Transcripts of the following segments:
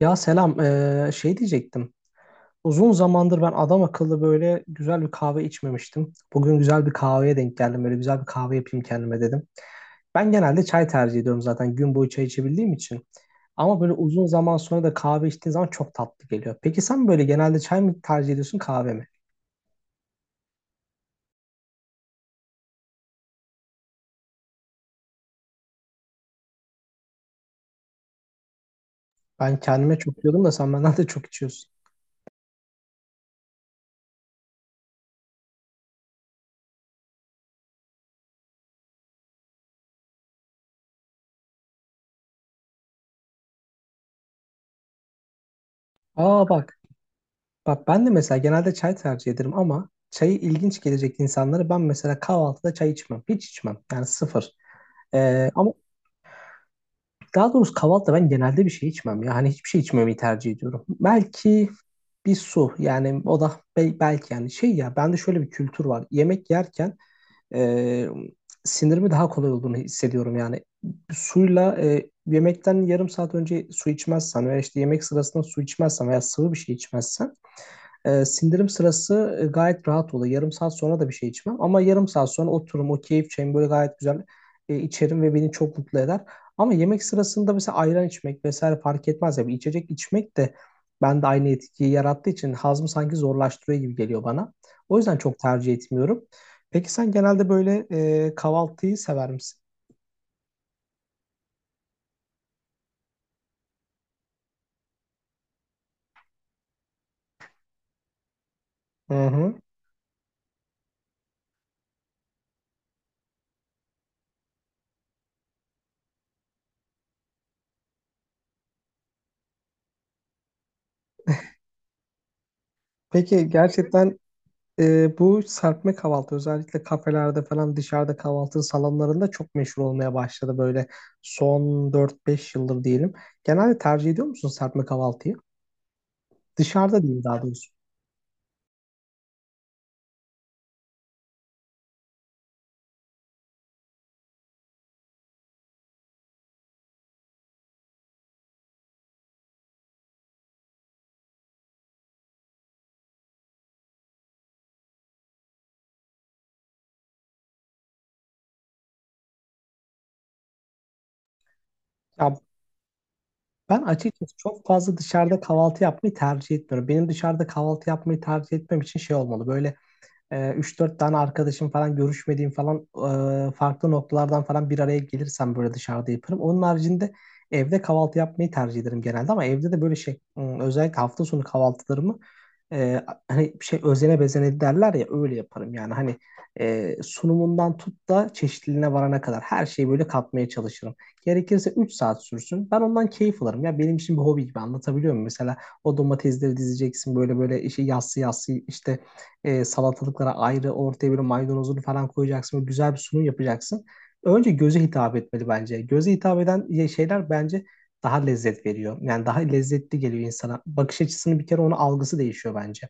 Ya selam, şey diyecektim. Uzun zamandır ben adam akıllı böyle güzel bir kahve içmemiştim. Bugün güzel bir kahveye denk geldim. Böyle güzel bir kahve yapayım kendime dedim. Ben genelde çay tercih ediyorum zaten gün boyu çay içebildiğim için. Ama böyle uzun zaman sonra da kahve içtiğin zaman çok tatlı geliyor. Peki sen böyle genelde çay mı tercih ediyorsun kahve mi? Ben kendime çok diyordum da sen benden de çok içiyorsun. Aa bak, bak ben de mesela genelde çay tercih ederim ama çayı ilginç gelecek insanlara ben mesela kahvaltıda çay içmem. Hiç içmem. Yani sıfır. Ama daha doğrusu kahvaltıda ben genelde bir şey içmem ya. Hani hiçbir şey içmemeyi tercih ediyorum. Belki bir su yani o da belki yani şey ya bende şöyle bir kültür var. Yemek yerken e, sinirimi daha kolay olduğunu hissediyorum yani. Suyla yemekten yarım saat önce su içmezsen veya işte yemek sırasında su içmezsen veya sıvı bir şey içmezsen sindirim sırası gayet rahat oluyor. Yarım saat sonra da bir şey içmem. Ama yarım saat sonra otururum o keyif çayımı böyle gayet güzel içerim ve beni çok mutlu eder. Ama yemek sırasında mesela ayran içmek vesaire fark etmez ya. Bir içecek içmek de bende aynı etkiyi yarattığı için hazmı sanki zorlaştırıyor gibi geliyor bana. O yüzden çok tercih etmiyorum. Peki sen genelde böyle kahvaltıyı sever misin? Hı hı. Peki gerçekten bu serpme kahvaltı özellikle kafelerde falan dışarıda kahvaltı salonlarında çok meşhur olmaya başladı böyle son 4-5 yıldır diyelim. Genelde tercih ediyor musun serpme kahvaltıyı? Dışarıda diyeyim daha doğrusu. Ya ben açıkçası çok fazla dışarıda kahvaltı yapmayı tercih etmiyorum. Benim dışarıda kahvaltı yapmayı tercih etmem için şey olmalı. Böyle 3-4 tane arkadaşım falan görüşmediğim falan farklı noktalardan falan bir araya gelirsem böyle dışarıda yaparım. Onun haricinde evde kahvaltı yapmayı tercih ederim genelde ama evde de böyle şey özellikle hafta sonu kahvaltılarımı hani şey özene bezene derler ya öyle yaparım yani hani sunumundan tut da çeşitliliğine varana kadar her şeyi böyle katmaya çalışırım. Gerekirse 3 saat sürsün. Ben ondan keyif alırım. Ya benim için bir hobi gibi anlatabiliyor muyum? Mesela o domatesleri dizeceksin böyle böyle işi yassı yassı işte salatalıklara ayrı ortaya bir maydanozunu falan koyacaksın ve güzel bir sunum yapacaksın. Önce göze hitap etmeli bence. Göze hitap eden şeyler bence daha lezzet veriyor. Yani daha lezzetli geliyor insana. Bakış açısını bir kere onun algısı değişiyor bence.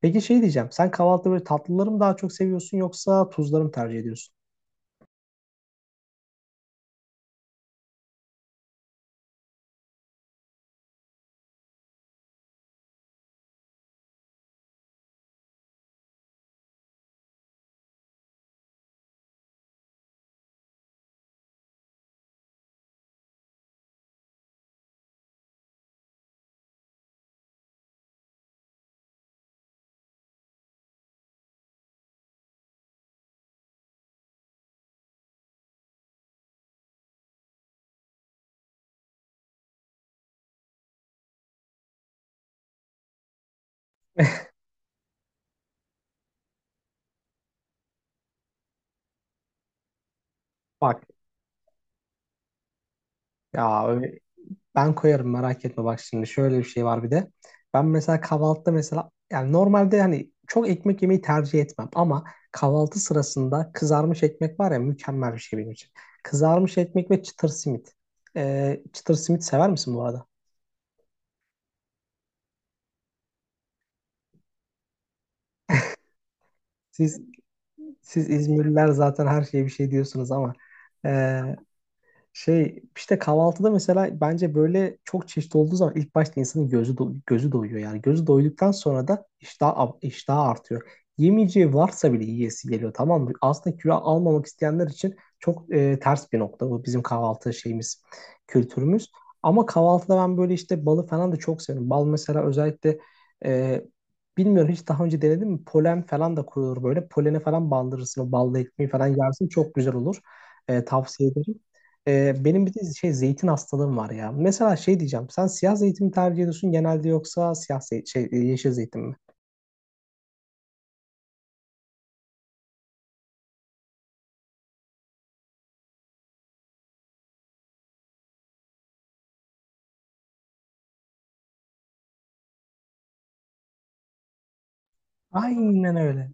Peki şey diyeceğim. Sen kahvaltıda böyle tatlıları mı daha çok seviyorsun yoksa tuzları mı tercih ediyorsun? Bak ya, ben koyarım merak etme bak şimdi şöyle bir şey var bir de. Ben mesela kahvaltıda mesela yani normalde hani çok ekmek yemeyi tercih etmem ama kahvaltı sırasında kızarmış ekmek var ya mükemmel bir şey benim için. Kızarmış ekmek ve çıtır simit. Çıtır simit sever misin bu arada? Siz İzmirliler zaten her şeye bir şey diyorsunuz ama ee, şey işte kahvaltıda mesela bence böyle çok çeşit olduğu zaman ilk başta insanın gözü gözü doyuyor yani gözü doyduktan sonra da iştah iştahı artıyor. Yemeyeceği varsa bile yiyesi geliyor tamam mı? Aslında kilo almamak isteyenler için çok ters bir nokta bu bizim kahvaltı şeyimiz, kültürümüz. Ama kahvaltıda ben böyle işte balı falan da çok seviyorum. Bal mesela özellikle e, bilmiyorum hiç daha önce denedim mi? Polen falan da koyulur böyle. Polene falan bandırırsın o balla ekmeği falan yersin çok güzel olur. E, tavsiye ederim. Benim bir de şey zeytin hastalığım var ya. Mesela şey diyeceğim. Sen siyah zeytin mi tercih ediyorsun genelde yoksa siyah zey- şey, e, yeşil zeytin mi? Aynen öyle.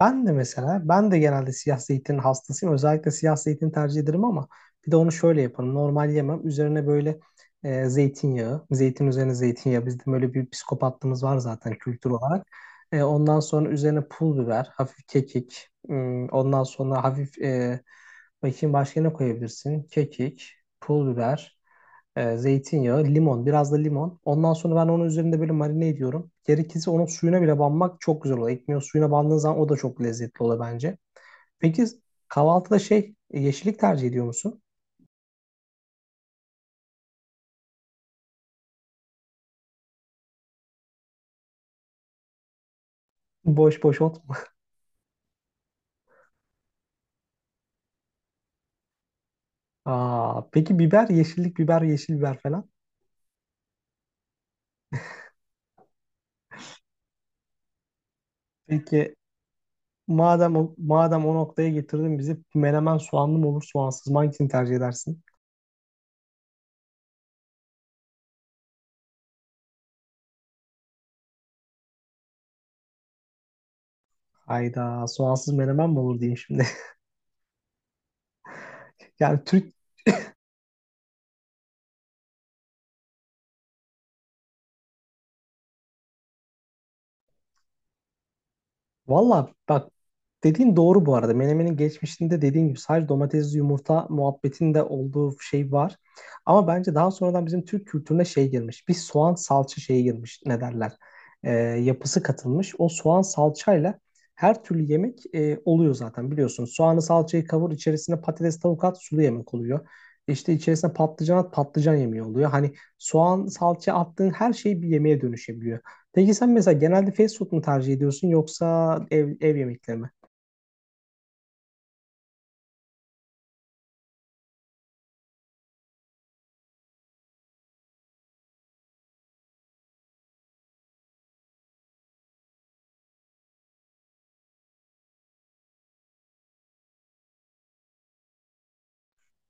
Ben de mesela, ben de genelde siyah zeytin hastasıyım. Özellikle siyah zeytin tercih ederim ama bir de onu şöyle yaparım. Normal yemem. Üzerine böyle zeytinyağı, zeytin üzerine zeytinyağı. Bizde böyle bir psikopatlığımız var zaten kültür olarak. E, ondan sonra üzerine pul biber, hafif kekik. Hmm, ondan sonra hafif, bakayım başka ne koyabilirsin? Kekik, pul biber, zeytinyağı, limon, biraz da limon. Ondan sonra ben onun üzerinde böyle marine ediyorum. Gerekirse onun suyuna bile banmak çok güzel oluyor. Ekmeğin suyuna bandığın zaman o da çok lezzetli oluyor bence. Peki kahvaltıda şey yeşillik tercih ediyor musun? Boş boş ot. Aa, peki biber, yeşillik biber, yeşil biber falan. Peki madem o noktaya getirdin bizi menemen soğanlı mı olur soğansız mı hangisini tercih edersin? Hayda soğansız menemen mi olur diyeyim şimdi. Yani Türk, valla bak, dediğin doğru bu arada. Menemenin geçmişinde dediğin gibi sadece domatesli yumurta muhabbetinde olduğu şey var. Ama bence daha sonradan bizim Türk kültürüne şey girmiş. Bir soğan salça şeyi girmiş ne derler. Yapısı katılmış. O soğan salçayla her türlü yemek oluyor zaten biliyorsun. Soğanı salçayı kavur içerisine patates tavuk at sulu yemek oluyor. İşte içerisine patlıcan at patlıcan yemeği oluyor. Hani soğan salça attığın her şey bir yemeğe dönüşebiliyor. Peki sen mesela genelde fast food mu tercih ediyorsun yoksa ev yemekleri mi?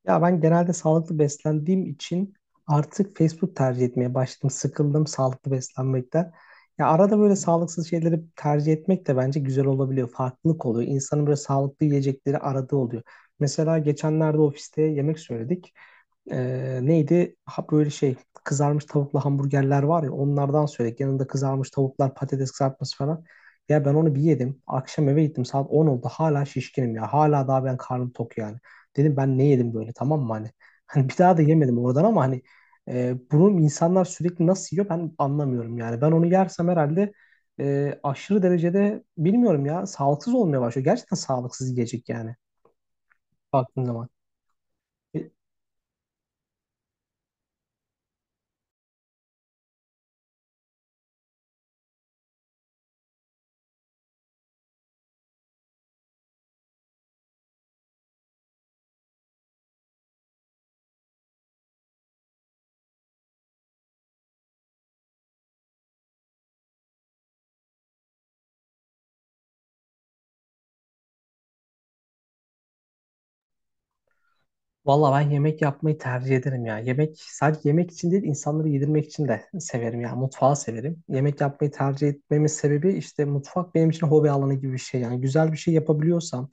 Ya ben genelde sağlıklı beslendiğim için artık fast food tercih etmeye başladım. Sıkıldım sağlıklı beslenmekten. Ya arada böyle sağlıksız şeyleri tercih etmek de bence güzel olabiliyor. Farklılık oluyor. İnsanın böyle sağlıklı yiyecekleri aradığı oluyor. Mesela geçenlerde ofiste yemek söyledik. Neydi? Ha, böyle şey kızarmış tavuklu hamburgerler var ya onlardan söyledik. Yanında kızarmış tavuklar, patates kızartması falan. Ya ben onu bir yedim. Akşam eve gittim saat 10 oldu. Hala şişkinim ya. Hala daha ben karnım tok yani. Dedim ben ne yedim böyle tamam mı hani? Hani bir daha da yemedim oradan ama hani bunu insanlar sürekli nasıl yiyor ben anlamıyorum yani. Ben onu yersem herhalde aşırı derecede bilmiyorum ya sağlıksız olmaya başlıyor. Gerçekten sağlıksız yiyecek yani baktığın zaman. E, valla ben yemek yapmayı tercih ederim ya. Yemek sadece yemek için değil insanları yedirmek için de severim ya. Mutfağı severim. Yemek yapmayı tercih etmemin sebebi işte mutfak benim için hobi alanı gibi bir şey. Yani güzel bir şey yapabiliyorsam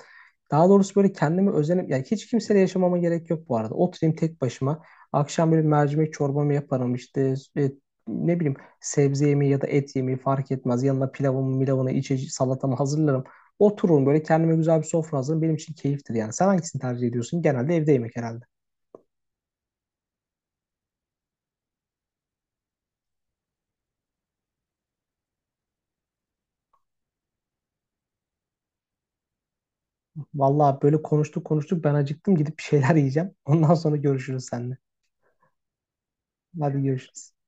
daha doğrusu böyle kendimi özenim. Yani hiç kimseyle yaşamama gerek yok bu arada. Oturayım tek başıma. Akşam böyle mercimek çorbamı yaparım işte ne bileyim sebze yemeği ya da et yemeği fark etmez. Yanına pilavımı, milavını, içecek salatamı hazırlarım. Otururum böyle kendime güzel bir sofra hazırlarım. Benim için keyiftir yani. Sen hangisini tercih ediyorsun? Genelde evde yemek herhalde. Vallahi böyle konuştuk konuştuk ben acıktım gidip bir şeyler yiyeceğim. Ondan sonra görüşürüz seninle. Hadi görüşürüz.